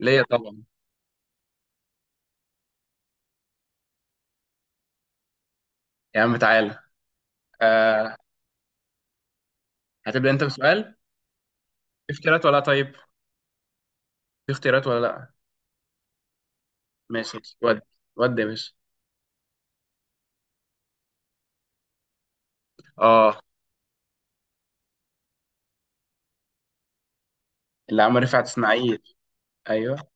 ليا طبعا. يا عم تعالى. آه هتبدأ انت بسؤال؟ في اختيارات ولا لا؟ طيب، في اختيارات ولا لا. ماشي. ود، ود يا باشا. اه، اللي عمل رفعت اسماعيل. ايوه.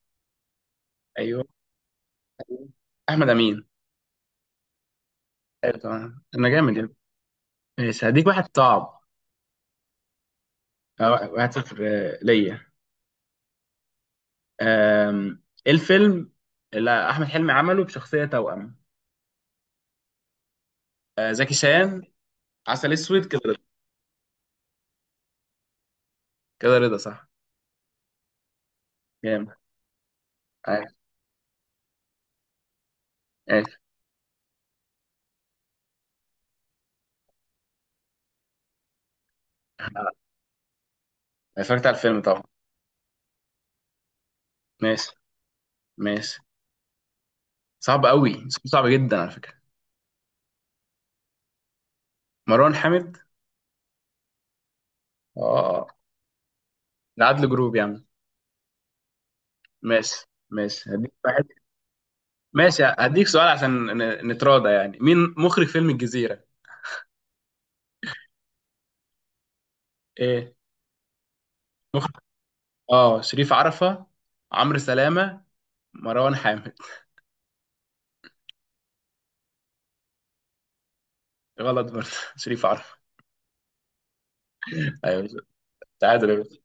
ايوه. أيوة. احمد امين. ايوه طبعا، انا جامد يا ابني. ماشي، هديك واحد صعب. واحد صفر، ليا. ايه الفيلم اللي احمد حلمي عمله بشخصية توأم؟ زكي شان. عسل اسود، كده رضا. كده رضا صح. جامد. ايوه. ايوه. اتفرجت على الفيلم طبعا. ماشي. ماشي. صعب قوي، صعب جدا على فكرة. مروان حامد. اه، العدل جروب يا عم. ماشي، ماشي، هديك واحد. ماشي، هديك سؤال عشان نتراضى يعني. مين مخرج فيلم الجزيرة؟ ايه؟ مخرج. اه، شريف عرفة. عمرو سلامة. مروان حامد. غلط برضه شريف عرفة. ايوه. تعادل يا باشا.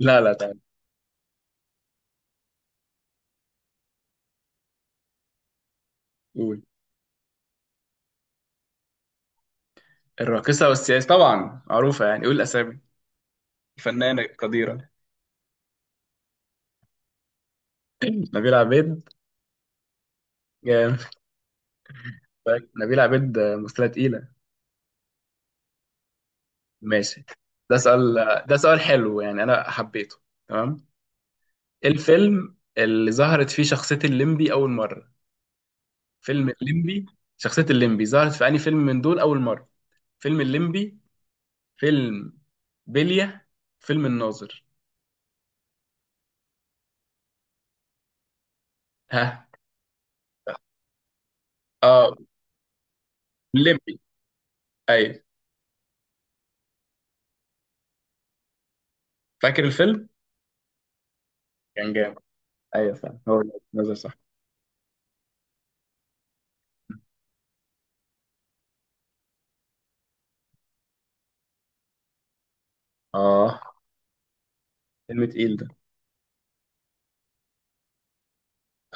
لا لا، تعادل. قول. الراقصة والسياسي طبعا معروفة، يعني قول أسامي. فنانة قديرة. نبيلة عبيد. جامد. نبيلة عبيد ممثلة تقيلة. ماشي. ده سؤال، ده سؤال حلو، يعني انا حبيته. تمام. ايه الفيلم اللي ظهرت فيه شخصية الليمبي اول مرة؟ فيلم الليمبي. شخصية الليمبي ظهرت في أي فيلم من دول اول مرة؟ فيلم الليمبي. فيلم بلية. فيلم الناظر. ها؟ اه، الليمبي. ايوه. فاكر الفيلم؟ كان جامد. ايوه فعلا، هو ده. الناظر صح. اه. فيلم تقيل ده.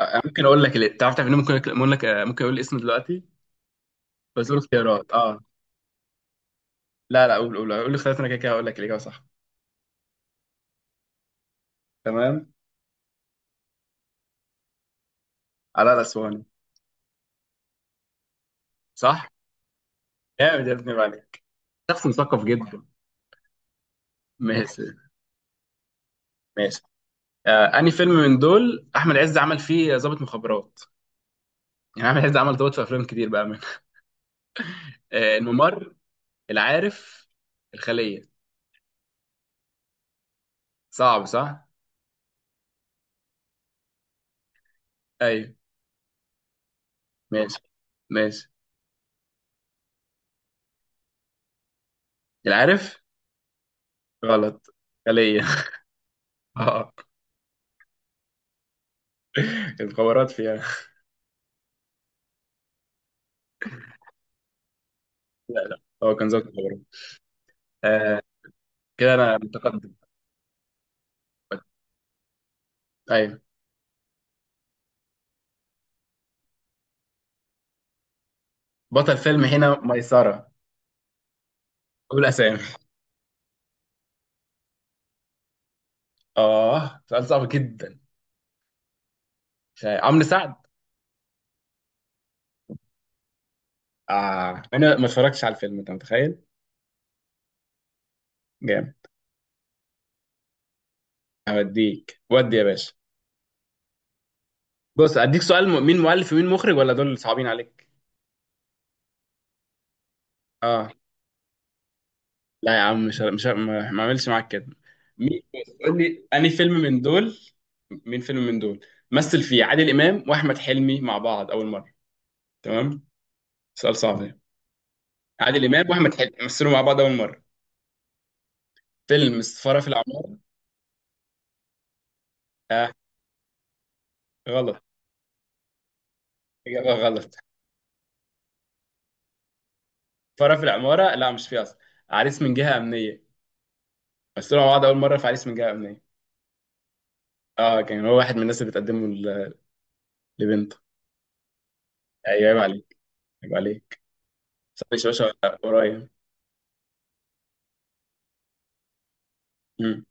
ممكن اقول لك ليه؟ تعرف، تعرف إن أنا ممكن، اقول لك، ممكن اقول الاسم دلوقتي. بس اقول اختيارات، اه. لا لا، قول، قول، قول الاختيارات. انا كده كده هقول لك الاجابه صح. تمام. علاء الاسواني. صح. جامد يا ابني، عيب عليك. شخص مثقف جدا. ماشي. ماشي. آه، انهي فيلم من دول احمد عز عمل فيه ضابط مخابرات؟ يعني احمد عز عمل ضابط في افلام كتير بقى، من: آه، الممر، العارف، الخليه. صعب صح؟ ايوه. ماشي. ماشي. العارف. غلط. خليه. اه. المخابرات فيها. لا لا، هو كان ضابط مخابرات. آه، كده انا متقدم. ايوه. بطل فيلم هنا ميسره. قول اسامي. اه، سؤال صعب جدا. عمرو سعد. آه انا ما اتفرجتش على الفيلم، انت متخيل. جامد. هوديك ودي يا باشا. بص، اديك سؤال. مين مؤلف ومين مخرج، ولا دول صعبين عليك؟ اه. لا يا عم، مش ه- مش ه- ما اعملش معاك كده. مين؟ بص، قول لي انهي فيلم من دول، مين فيلم من دول مثل فيه عادل امام واحمد حلمي مع بعض اول مره. تمام. سؤال صعب ده. عادل امام واحمد حلمي مثلوا مع بعض اول مره فيلم السفاره في العماره. آه غلط. اجابه غلط. فرع في العمارة لا مش فيه أصلا. عريس من جهة أمنية. بس طلعوا مع بعض أول مرة في عريس من جهة أمنية. أه، كان هو واحد من الناس اللي بتقدمه لبنته. أيوة عيب عليك. عيب عليك. صاحبي شباشة ولا قريب. أمم،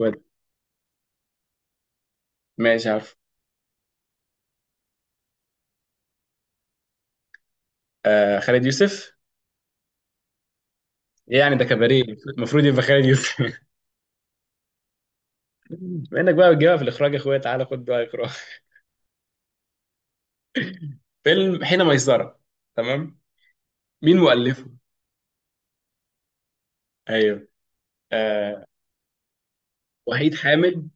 ود. ماشي عارف. آه، خالد يوسف. إيه يعني ده كباريه؟ المفروض يبقى خالد يوسف بما إنك بقى بتجيبها في الإخراج يا أخويا، تعالى خد بقى إخراج. فيلم حين ميسرة، تمام. مين مؤلفه؟ أيوه. آه. وحيد حامد.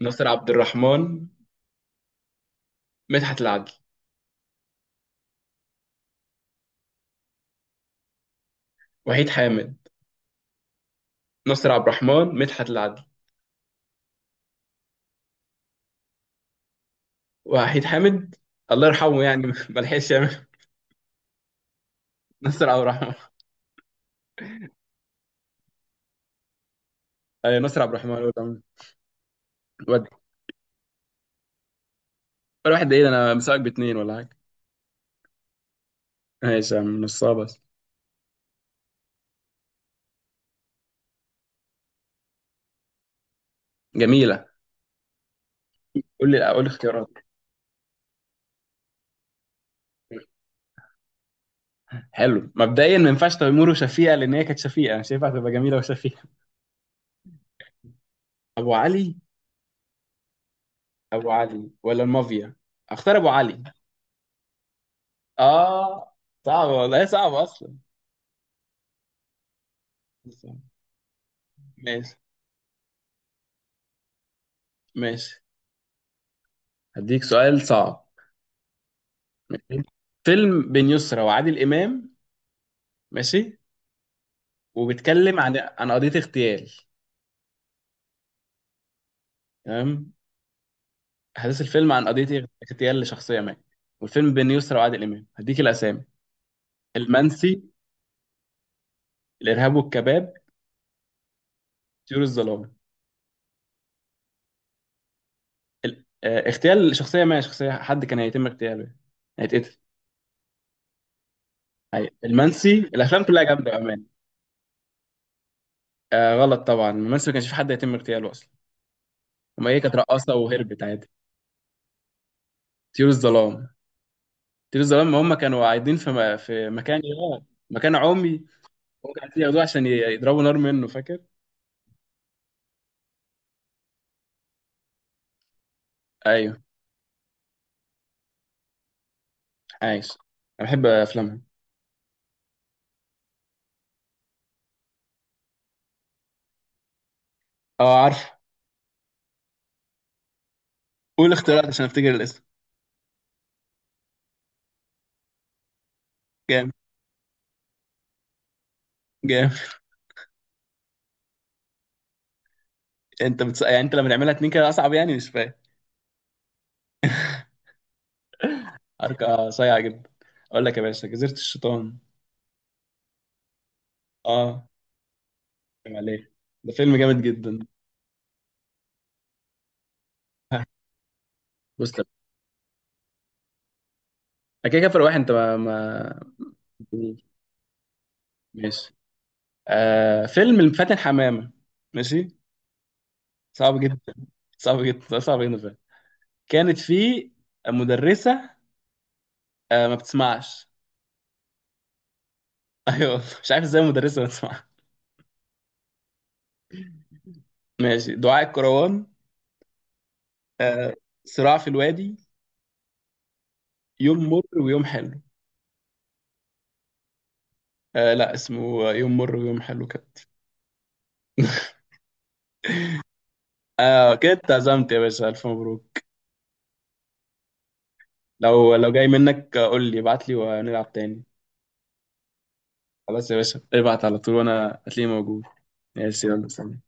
ناصر عبد الرحمن. مدحت العدل. وحيد حامد. ناصر عبد الرحمن. مدحت العدل. وحيد حامد. الله يرحمه يعني ما لحقش يعمل. نصر عبد الرحمن. ايوه، نصر عبد الرحمن هو اللي عمل. ودي. ولا واحد؟ دقيقة، انا مساك باتنين ولا حاجة. ماشي يا عم، نصها بس. جميلة. قول لي، قول لي اختيارات. حلو. مبدئيا ما ينفعش تيمور وشفيقة، لان هي كانت شفيقة، مش هينفع تبقى جميلة وشفيقة. ابو علي. ابو علي ولا المافيا. اختار ابو علي. اه. صعب والله، هي صعبة اصلا. ماشي. ماشي، هديك سؤال صعب. فيلم بين يسرا وعادل امام. ماشي. وبيتكلم عن قضية اغتيال. تمام. أحداث الفيلم عن قضية اغتيال لشخصية ما، والفيلم بين يسرا وعادل إمام. هديك الأسامي: المنسي، الإرهاب والكباب، طيور الظلام. ال... آه، اغتيال لشخصية ما، شخصية حد كان هيتم اغتياله يعني، هيتقتل. المنسي. الأفلام كلها جامدة بأمان. آه غلط طبعا، المنسي ما كانش في حد هيتم اغتياله أصلا. هما إيه، كانت رقاصة وهربت عادي. طيور الظلام. طيور الظلام، هم كانوا قاعدين في، في مكان يا مكان عمي. هم كانوا عايزين ياخدوه عشان يضربوا نار منه، فاكر؟ ايوه. عايز. انا بحب افلامها. اه عارف. قول اختيارات عشان افتكر الاسم. جامد. جامد. انت بتس... يعني انت لما تعملها اتنين كده اصعب، يعني مش فاهم. حركه صايعه جدا. اقول لك يا باشا، جزيره الشيطان. اه. فاهم عليه. ده فيلم جامد جدا. بص طب. أنا كده كده فرق واحد، انت ما. ماشي. آه، فيلم الفاتن حمامه. ماشي. صعب جدا. صعب جدا فعلا. كانت في مدرسه، آه ما بتسمعش. ايوه. مش عارف ازاي مدرسه ما بتسمعش. ماشي، دعاء الكروان. آه، صراع في الوادي. يوم مر ويوم حلو. آه لا، اسمه يوم مر ويوم حلو كابتن. آه كده اتعزمت يا باشا، ألف مبروك. لو لو جاي منك، قول لي، ابعت لي ونلعب تاني. خلاص يا باشا، ابعت على طول وأنا هتلاقيني موجود. ماشي، يلا سلام.